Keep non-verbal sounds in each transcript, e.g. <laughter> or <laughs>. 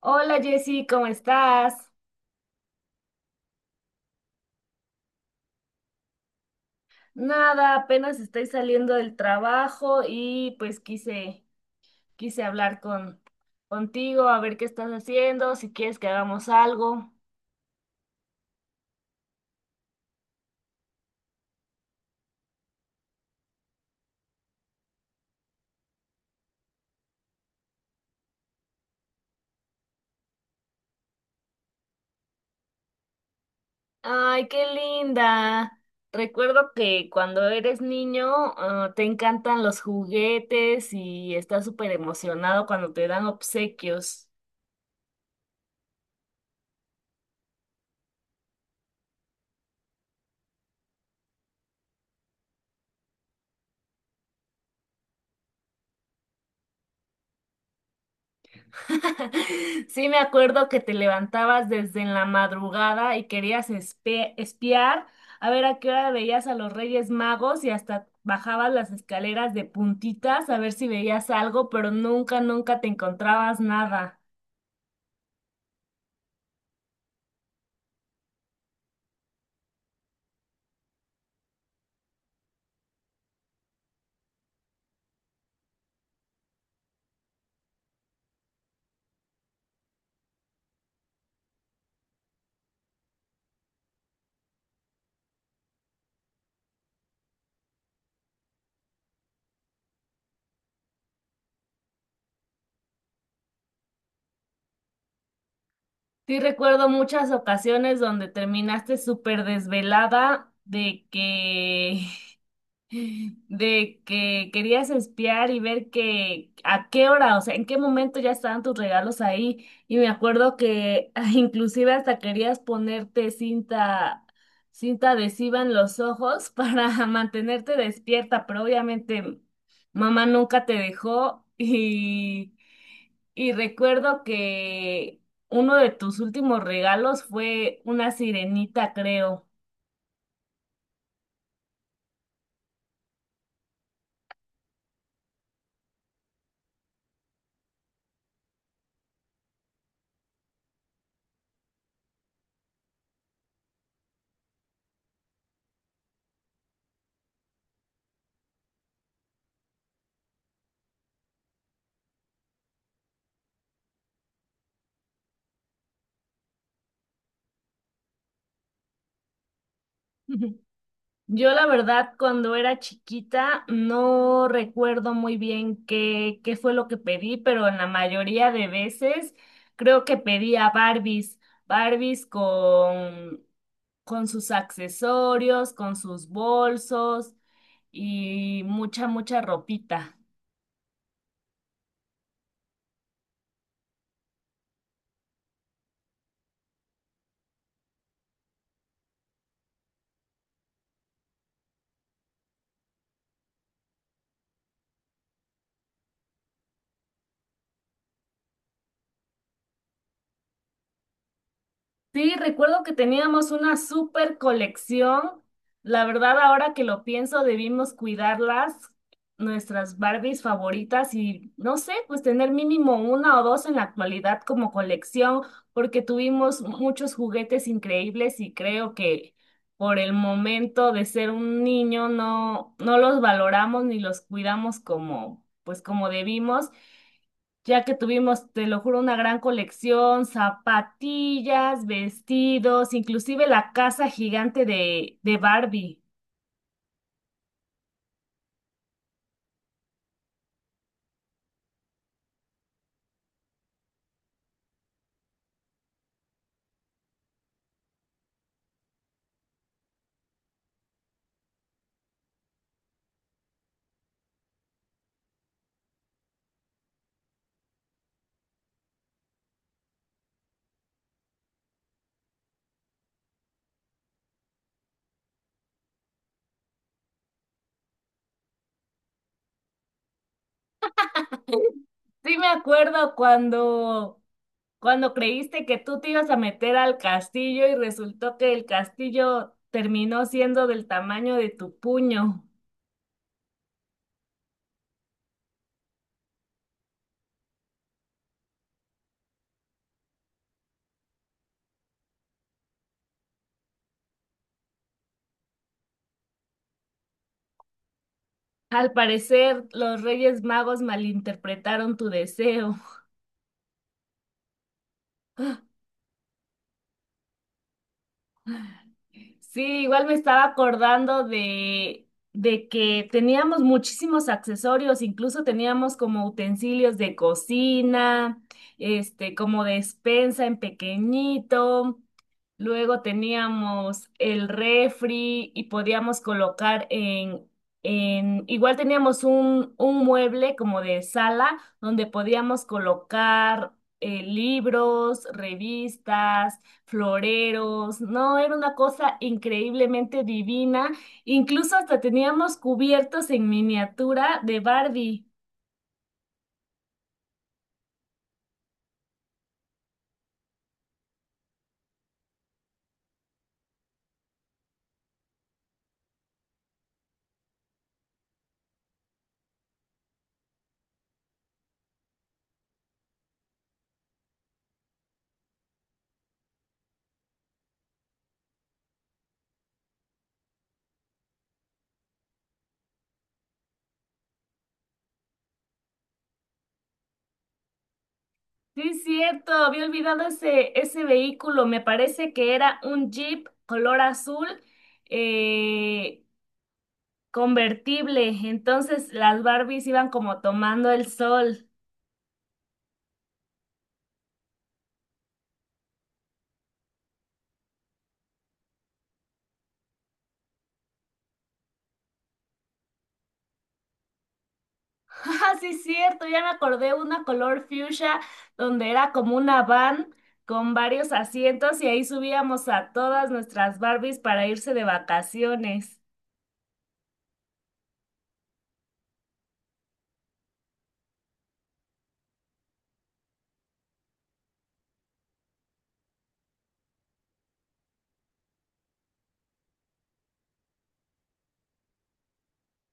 Hola Jessy, ¿cómo estás? Nada, apenas estoy saliendo del trabajo y pues quise hablar contigo, a ver qué estás haciendo, si quieres que hagamos algo. Ay, qué linda. Recuerdo que cuando eres niño, te encantan los juguetes y estás súper emocionado cuando te dan obsequios. <laughs> Sí, me acuerdo que te levantabas desde en la madrugada y querías espiar a ver a qué hora veías a los Reyes Magos y hasta bajabas las escaleras de puntitas a ver si veías algo, pero nunca, nunca te encontrabas nada. Sí, recuerdo muchas ocasiones donde terminaste súper desvelada de que <laughs> de que querías espiar y ver que a qué hora, o sea, en qué momento ya estaban tus regalos ahí. Y me acuerdo que <laughs> inclusive hasta querías ponerte cinta adhesiva en los ojos para <laughs> mantenerte despierta, pero obviamente mamá nunca te dejó y recuerdo que uno de tus últimos regalos fue una sirenita, creo. <laughs> Yo la verdad, cuando era chiquita, no recuerdo muy bien qué fue lo que pedí, pero en la mayoría de veces creo que pedía Barbies con sus accesorios, con sus bolsos y mucha, mucha ropita. Sí, recuerdo que teníamos una súper colección. La verdad, ahora que lo pienso, debimos cuidarlas, nuestras Barbies favoritas y no sé, pues tener mínimo una o dos en la actualidad como colección, porque tuvimos muchos juguetes increíbles y creo que por el momento de ser un niño no los valoramos ni los cuidamos como, pues como debimos ya que tuvimos, te lo juro, una gran colección, zapatillas, vestidos, inclusive la casa gigante de Barbie. Sí me acuerdo cuando creíste que tú te ibas a meter al castillo y resultó que el castillo terminó siendo del tamaño de tu puño. Al parecer, los Reyes Magos malinterpretaron tu deseo. Sí, igual me estaba acordando de que teníamos muchísimos accesorios, incluso teníamos como utensilios de cocina, este, como despensa en pequeñito. Luego teníamos el refri y podíamos colocar en igual teníamos un mueble como de sala donde podíamos colocar libros, revistas floreros, no, era una cosa increíblemente divina, incluso hasta teníamos cubiertos en miniatura de Barbie. Sí, es cierto, había olvidado ese vehículo, me parece que era un Jeep color azul eh, convertible, entonces las Barbies iban como tomando el sol. Ah, sí, cierto, ya me acordé una color fuchsia donde era como una van con varios asientos y ahí subíamos a todas nuestras Barbies para irse de vacaciones.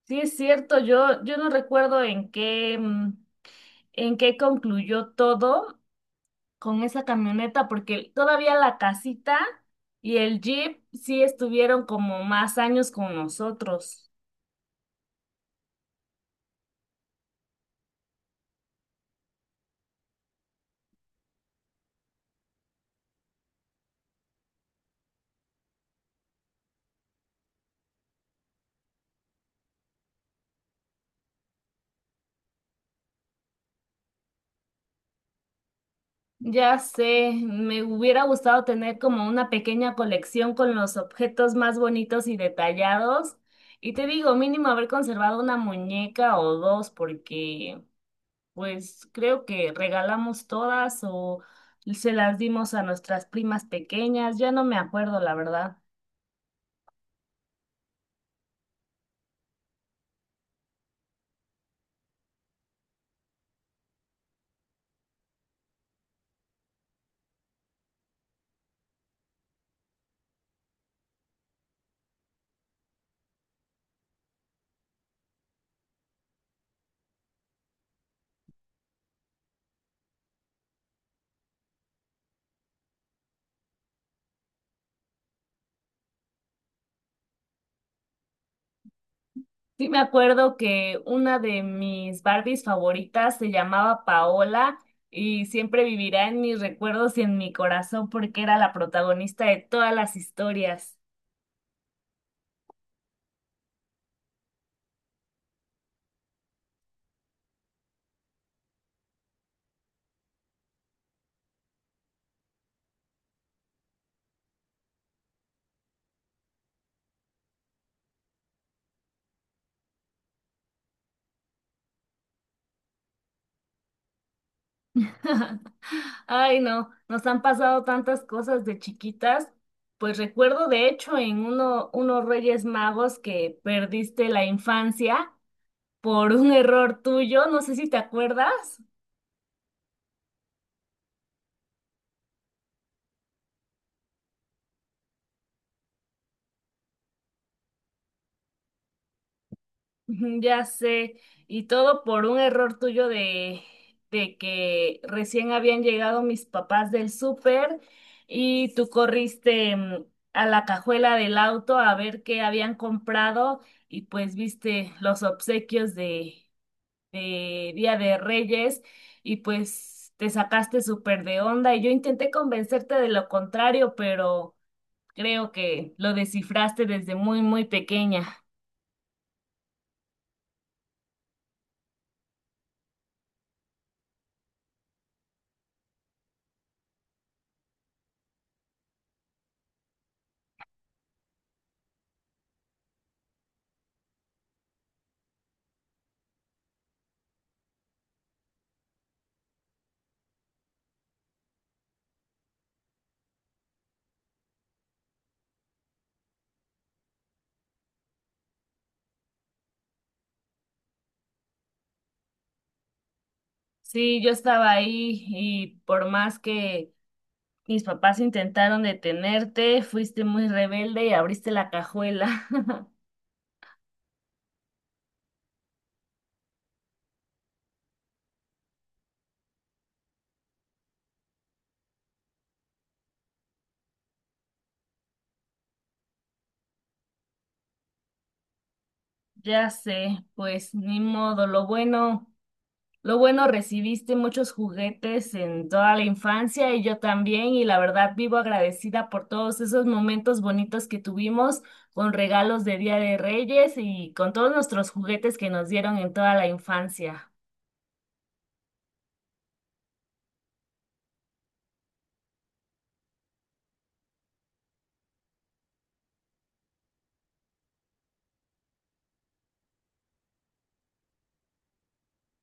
Sí, es cierto, yo no recuerdo en qué, en qué concluyó todo con esa camioneta, porque todavía la casita y el jeep sí estuvieron como más años con nosotros. Ya sé, me hubiera gustado tener como una pequeña colección con los objetos más bonitos y detallados. Y te digo, mínimo haber conservado una muñeca o dos, porque pues creo que regalamos todas o se las dimos a nuestras primas pequeñas. Ya no me acuerdo, la verdad. Sí, me acuerdo que una de mis Barbies favoritas se llamaba Paola y siempre vivirá en mis recuerdos y en mi corazón porque era la protagonista de todas las historias. <laughs> Ay, no, nos han pasado tantas cosas de chiquitas. Pues recuerdo de hecho en unos Reyes Magos que perdiste la infancia por un error tuyo, no sé si te acuerdas. Ujú, ya sé, y todo por un error tuyo de que recién habían llegado mis papás del súper y tú corriste a la cajuela del auto a ver qué habían comprado y pues viste los obsequios de Día de Reyes y pues te sacaste súper de onda y yo intenté convencerte de lo contrario, pero creo que lo descifraste desde muy, muy pequeña. Sí, yo estaba ahí y por más que mis papás intentaron detenerte, fuiste muy rebelde y abriste la cajuela. <laughs> Ya sé, pues ni modo, lo bueno recibiste muchos juguetes en toda la infancia y yo también y la verdad vivo agradecida por todos esos momentos bonitos que tuvimos con regalos de Día de Reyes y con todos nuestros juguetes que nos dieron en toda la infancia.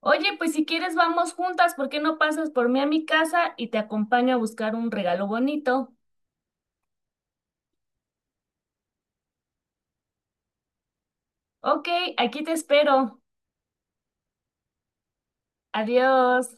Oye, pues si quieres vamos juntas, ¿por qué no pasas por mí a mi casa y te acompaño a buscar un regalo bonito? Ok, aquí te espero. Adiós.